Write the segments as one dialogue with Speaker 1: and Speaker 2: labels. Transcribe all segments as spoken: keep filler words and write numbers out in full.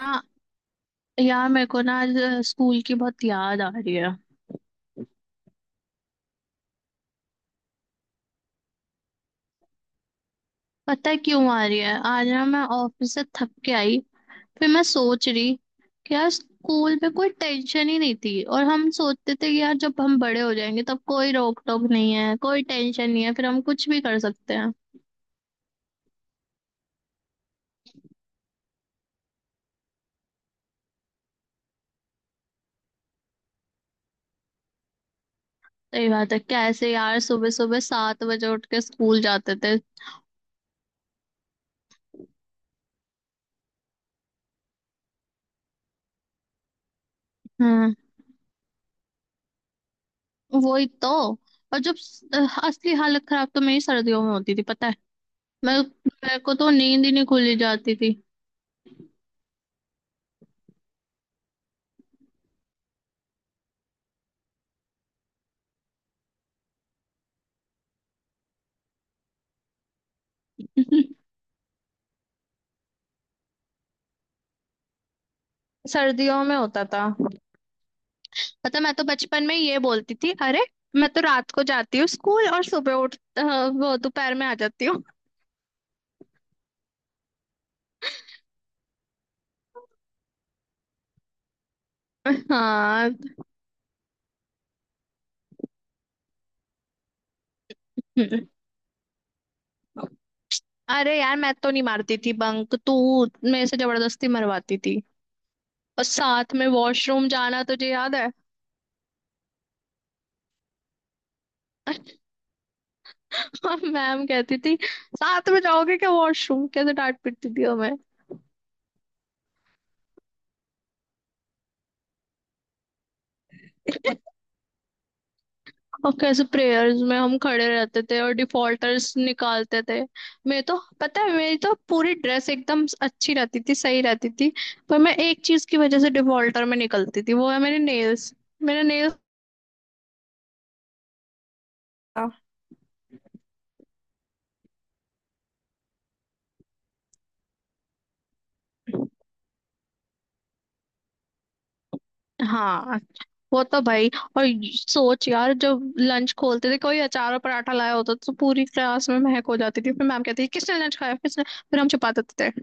Speaker 1: हाँ। यार मेरे को ना आज स्कूल की बहुत याद आ रही है। पता है क्यों आ रही है? आज ना मैं ऑफिस से थक के आई। फिर मैं सोच रही कि यार स्कूल में कोई टेंशन ही नहीं थी और हम सोचते थे कि यार जब हम बड़े हो जाएंगे तब कोई रोक टोक नहीं है कोई टेंशन नहीं है फिर हम कुछ भी कर सकते हैं। सही बात है। कैसे यार सुबह सुबह सात बजे उठ के स्कूल जाते थे। हम्म। वही तो। और जब स- असली हालत खराब तो मेरी सर्दियों में होती थी पता है। मैं मेरे को तो नींद ही नहीं खुली जाती थी। सर्दियों में होता था। पता मैं तो बचपन में ये बोलती थी, अरे मैं तो रात को जाती हूँ स्कूल और सुबह उठ अ, वो दोपहर में आ जाती हूँ। हाँ। हम्म। अरे यार मैं तो नहीं मारती थी बंक। तू मेरे से जबरदस्ती मरवाती थी। और साथ में वॉशरूम जाना तुझे याद है? मैम कहती थी साथ में जाओगे क्या वॉशरूम? कैसे डांट पीटती थी। और कैसे प्रेयर्स में हम खड़े रहते थे और डिफॉल्टर्स निकालते थे। मैं तो पता है मेरी तो पूरी ड्रेस एकदम अच्छी रहती थी सही रहती थी। पर मैं एक चीज की वजह से डिफॉल्टर में निकलती थी, वो है मेरे नेल्स। मेरे नेल्स। हाँ हाँ। वो तो भाई। और सोच यार जब लंच खोलते थे कोई अचार और पराठा लाया होता था, तो पूरी क्लास में महक हो जाती थी। फिर मैम कहती थी किसने लंच खाया, किसने। फिर हम छुपा देते थे।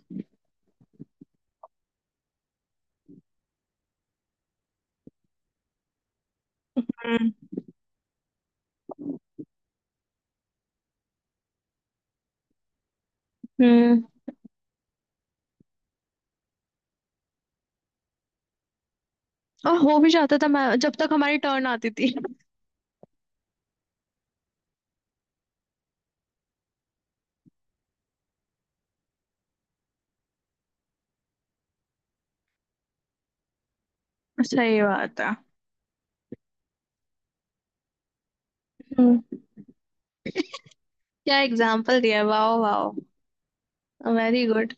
Speaker 1: हम्म हम्म। और हो भी जाता था मैं जब तक हमारी टर्न आती थी। सही बात है। हम्म। क्या एग्जाम्पल दिया, वाओ वाओ। Very good.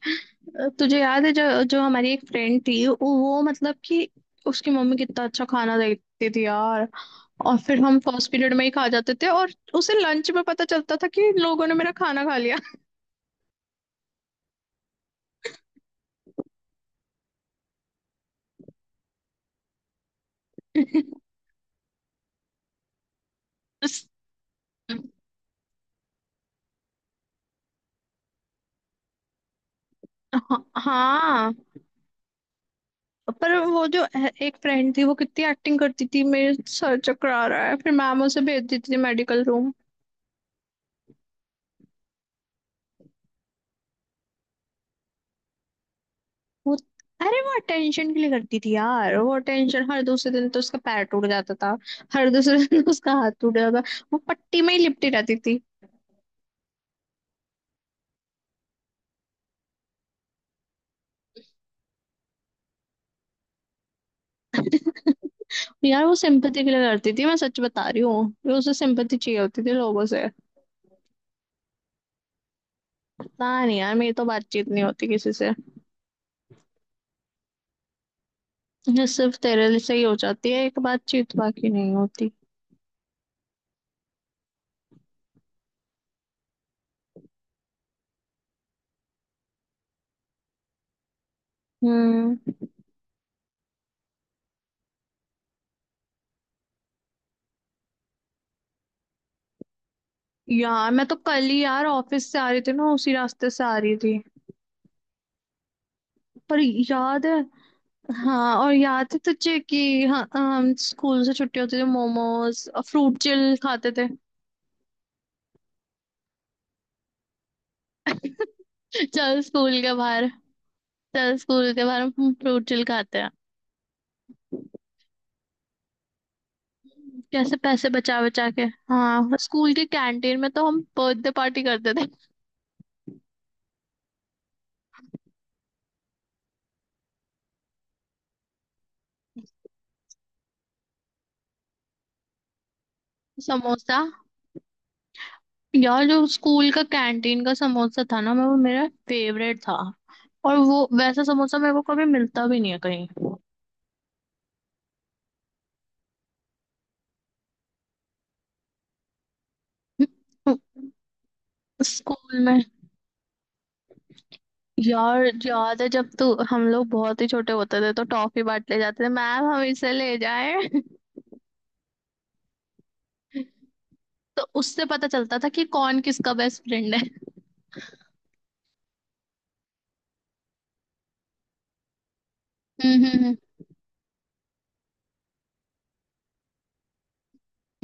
Speaker 1: तुझे याद है जो जो हमारी एक फ्रेंड थी वो वो मतलब कि उसकी मम्मी कितना अच्छा खाना देती थी यार। और फिर हम फर्स्ट पीरियड में ही खा जाते थे और उसे लंच में पता चलता था कि लोगों ने मेरा खाना खा लिया। उस- हाँ। हाँ, पर वो जो ए- एक फ्रेंड थी वो कितनी एक्टिंग करती थी, मेरे सर चकरा रहा है, फिर मैम उसे भेज देती थी मेडिकल रूम। वो अरे वो अटेंशन के लिए करती थी यार वो अटेंशन। हर दूसरे दिन तो उसका पैर टूट जाता था। हर दूसरे दिन उसका हाथ टूट जाता था। वो पट्टी में ही लिपटी रहती थी। यार वो सिंपैथी के लिए करती थी। मैं सच बता रही हूँ कि उसे सिंपैथी चाहिए होती थी लोगों से। पता नहीं यार मेरी तो बातचीत नहीं होती किसी से। ये सिर्फ तेरे लिए से ही हो जाती है एक बातचीत, बाकी नहीं होती। हम्म। यार मैं तो कल ही यार ऑफिस से आ रही थी ना उसी रास्ते से आ रही थी। पर याद है। हाँ और याद है तुझे कि हाँ हम स्कूल से छुट्टी होती थी मोमोज और फ्रूट चिल खाते थे। चल स्कूल के बाहर। चल स्कूल के बाहर हम फ्रूट चिल खाते हैं। कैसे पैसे बचा बचा के। हाँ स्कूल के कैंटीन में तो हम बर्थडे पार्टी करते थे। समोसा। यार जो स्कूल का कैंटीन का समोसा था ना, मैं वो मेरा फेवरेट था। और वो वैसा समोसा मेरे को कभी मिलता भी नहीं है कहीं। स्कूल में। यार याद है जब तू हम लोग बहुत ही छोटे होते थे तो टॉफी बांट ले जाते थे मैम, हम इसे ले जाए। तो उससे पता चलता था कि कौन किसका बेस्ट फ्रेंड है। हम्म हम्म।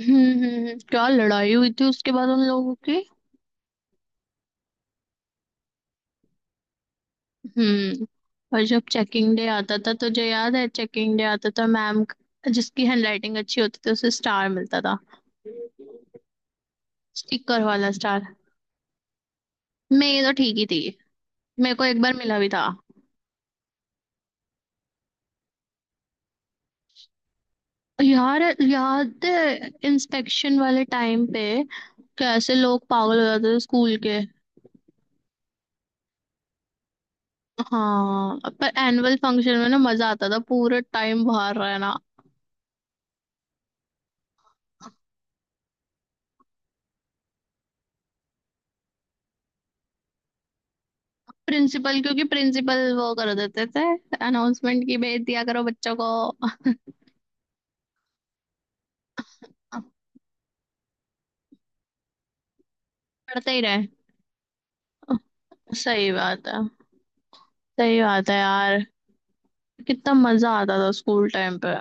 Speaker 1: हम्म हम्म, हम्म। क्या लड़ाई हुई थी उसके बाद उन लोगों की? हम्म। और जब चेकिंग डे आता था तुझे याद है? चेकिंग डे आता था, मैम जिसकी हैंडराइटिंग अच्छी होती थी उसे स्टार मिलता था। स्टिकर वाला स्टार। मेरी तो ठीक ही थी। मेरे को एक बार मिला भी था। यार याद है इंस्पेक्शन वाले टाइम पे कैसे लोग पागल हो जाते थे स्कूल के। हाँ पर एनुअल फंक्शन में ना मजा आता था पूरे टाइम बाहर रहना। प्रिंसिपल क्योंकि प्रिंसिपल वो कर देते थे अनाउंसमेंट की भेज दिया करो बच्चों को। पढ़ते ही रहे। सही बात है। सही बात है यार। कितना मजा आता था स्कूल टाइम पे।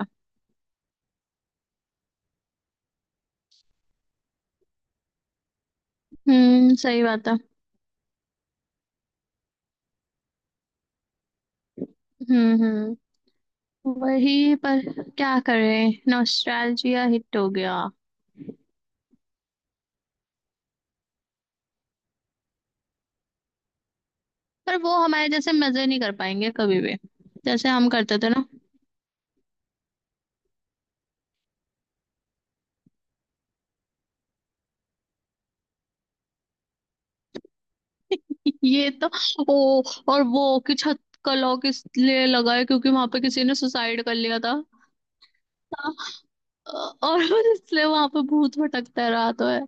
Speaker 1: हम्म। सही बात है। हम्म हम्म। वही पर। क्या करें नॉस्टैल्जिया हिट हो गया। पर वो हमारे जैसे मजे नहीं कर पाएंगे कभी भी। जैसे हम करते थे ना। ये तो। ओ। और वो कि छत का लॉक इसलिए लगा है क्योंकि वहां पे किसी ने सुसाइड कर लिया था। हाँ, और इसलिए वहां पे भूत भटकता है रात है।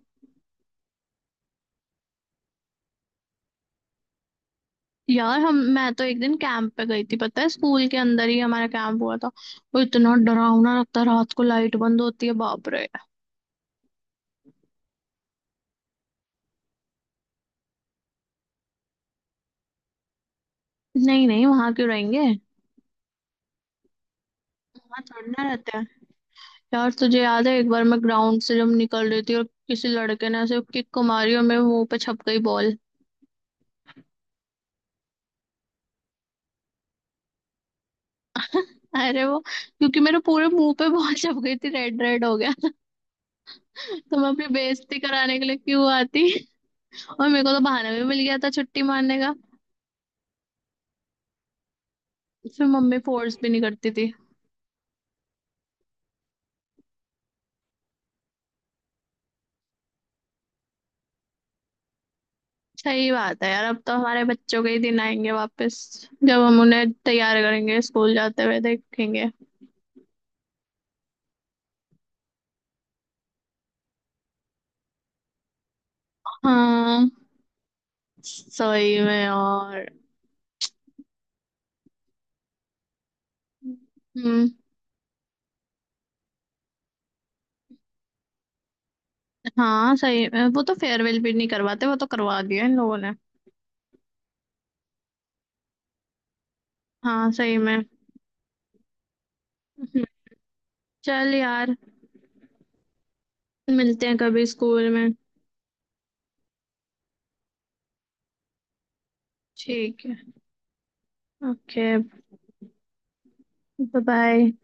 Speaker 1: यार हम मैं तो एक दिन कैंप पे गई थी, पता है स्कूल के अंदर ही हमारा कैंप हुआ था। वो इतना डरावना लगता है, रात को लाइट बंद होती है, बाप रे। नहीं नहीं, वहां क्यों रहेंगे। वहां थोड़ी ना रहते हैं। यार तुझे याद है एक बार मैं ग्राउंड से जब निकल रही थी और किसी लड़के ने ऐसे किक को मारी और मेरे मुंह पे छप गई बॉल। अरे वो क्योंकि मेरे पूरे मुंह पे बॉल छप गई थी, रेड रेड हो गया। तो मैं अपनी बेइज्जती कराने के लिए क्यों आती। और मेरे को तो बहाना भी मिल गया था छुट्टी मारने का। फिर मम्मी फोर्स भी नहीं करती थी। सही बात है यार, अब तो हमारे बच्चों के ही दिन आएंगे वापस। जब हम उन्हें तैयार करेंगे स्कूल जाते हुए देखेंगे। हाँ सही में। और हाँ सही में वो तो फेयरवेल भी नहीं करवाते, वो तो करवा दिया इन लोगों ने। हाँ सही में। हम्म। चल यार, मिलते हैं कभी स्कूल में। ठीक है। ओके। बाय।